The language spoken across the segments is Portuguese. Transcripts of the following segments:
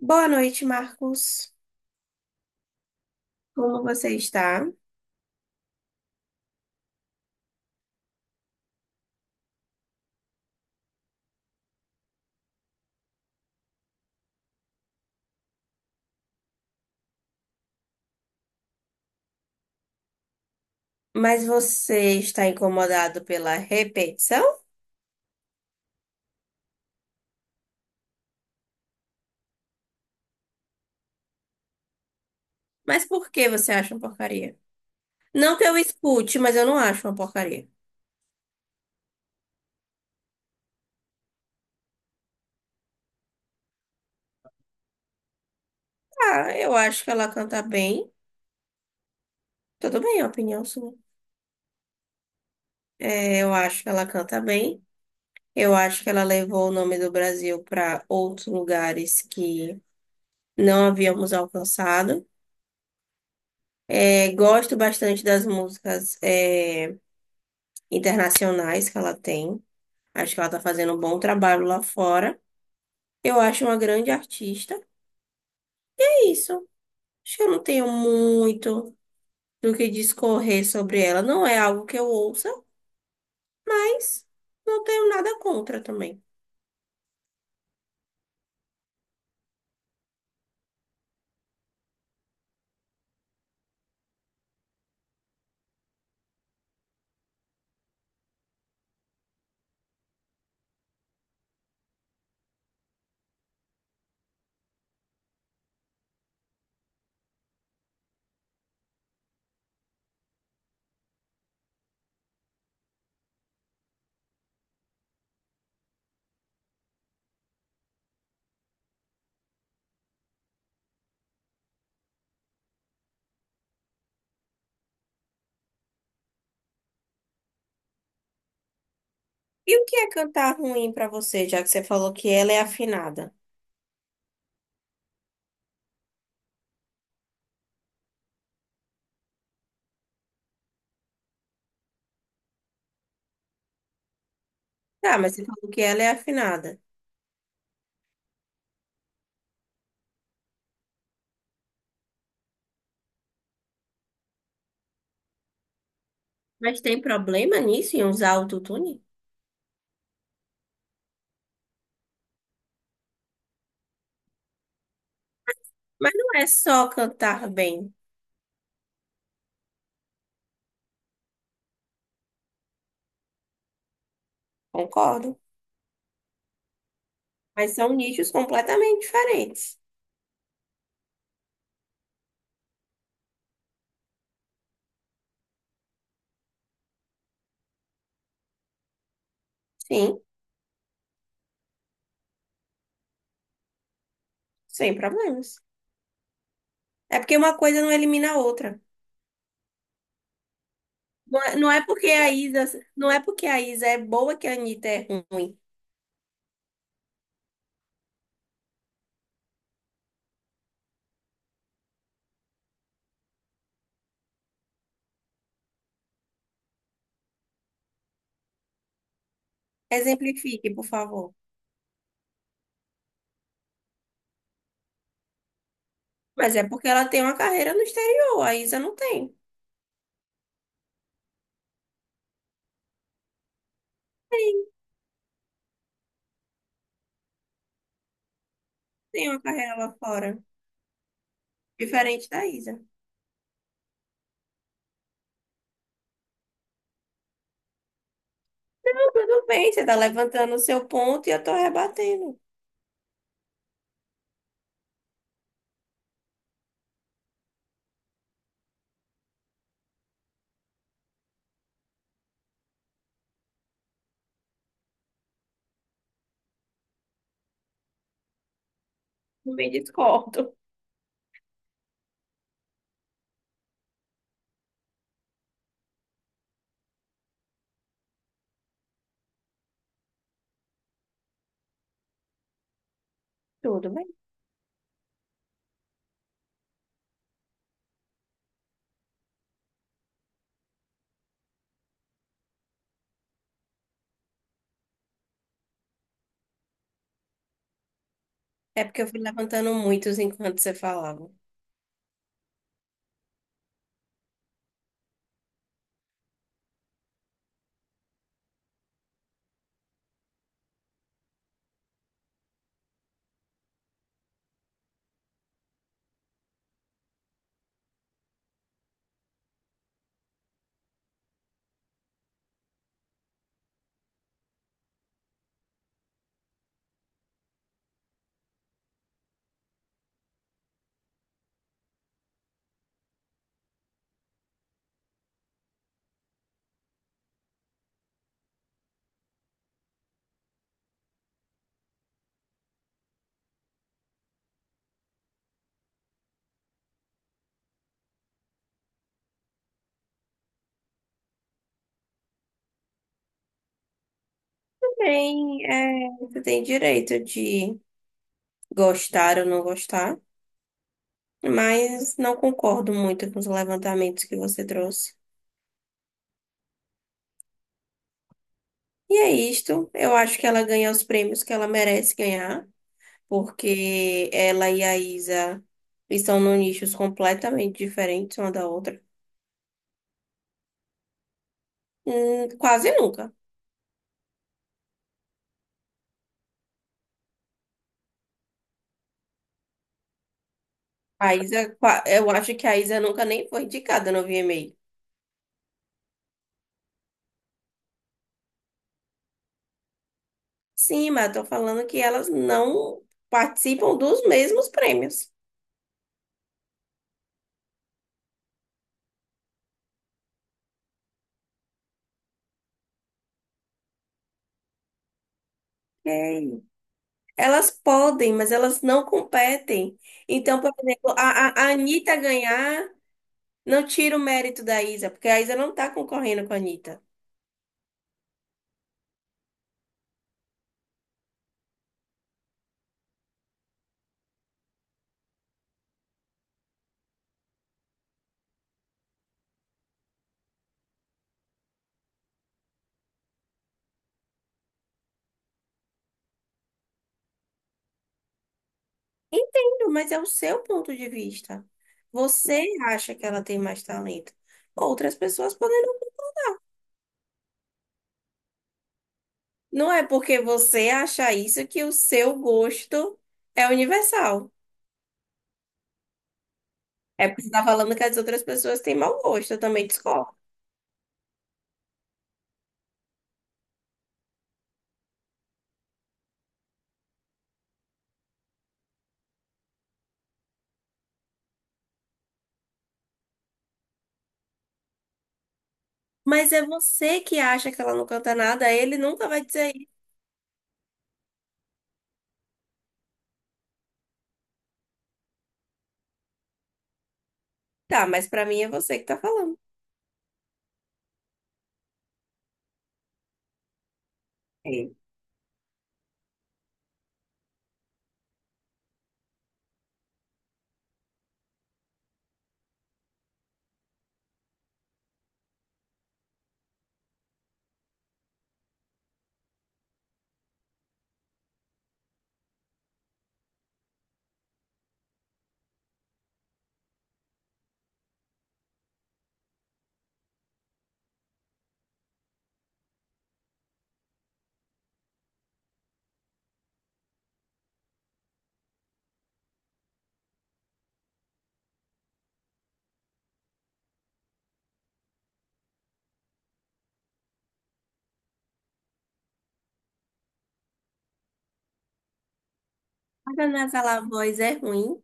Boa noite, Marcos. Como você está? Mas você está incomodado pela repetição? Mas por que você acha uma porcaria? Não que eu escute, mas eu não acho uma porcaria. Ah, eu acho que ela canta bem. Tudo bem, é a opinião sua. É, eu acho que ela canta bem. Eu acho que ela levou o nome do Brasil para outros lugares que não havíamos alcançado. É, gosto bastante das músicas, é, internacionais que ela tem. Acho que ela tá fazendo um bom trabalho lá fora. Eu acho uma grande artista. É isso. Acho que eu não tenho muito do que discorrer sobre ela. Não é algo que eu ouça, mas não tenho nada contra também. E o que é cantar ruim pra você, já que você falou que ela é afinada? Tá, mas você falou que ela é afinada. Mas tem problema nisso em usar autotune? Mas não é só cantar bem, concordo. Mas são nichos completamente diferentes. Sim, sem problemas. É porque uma coisa não elimina a outra. Não é, não é porque a Isa, não é porque a Isa é boa que a Anitta é ruim. Exemplifique, por favor. Mas é porque ela tem uma carreira no exterior, a Isa não tem. Tem uma carreira lá fora, diferente da Isa. Então, tudo bem, você tá levantando o seu ponto e eu tô rebatendo. Não me discordo. Tudo bem. É porque eu fui levantando muitos enquanto você falava. Tudo bem, é, você tem direito de gostar ou não gostar, mas não concordo muito com os levantamentos que você trouxe. E é isto. Eu acho que ela ganha os prêmios que ela merece ganhar, porque ela e a Isa estão num nichos completamente diferentes uma da outra. Quase nunca. A Isa, eu acho que a Isa nunca nem foi indicada no VMA. Sim, mas eu tô falando que elas não participam dos mesmos prêmios. É. Elas podem, mas elas não competem. Então, por exemplo, a Anitta ganhar não tira o mérito da Isa, porque a Isa não está concorrendo com a Anitta. Entendo, mas é o seu ponto de vista. Você acha que ela tem mais talento. Outras pessoas podem não. Não é porque você acha isso que o seu gosto é universal. É porque você está falando que as outras pessoas têm mau gosto, eu também discordo. Mas é você que acha que ela não canta nada, ele nunca vai dizer. Tá, mas pra mim é você que tá falando. É. Cada naquela voz é ruim.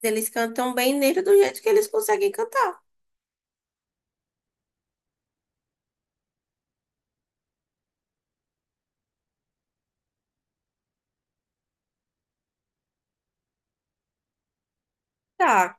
Eles cantam bem nele do jeito que eles conseguem cantar. Tá,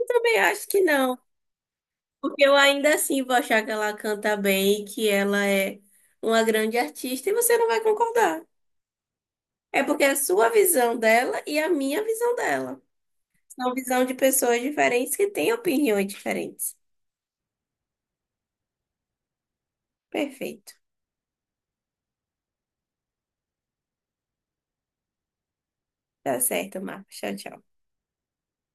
eu também acho que não. Porque eu ainda assim vou achar que ela canta bem, que ela é uma grande artista e você não vai concordar. É porque é a sua visão dela e a minha visão dela. São visão de pessoas diferentes que têm opiniões diferentes. Perfeito. Tá certo, Marcos. Tchau, tchau.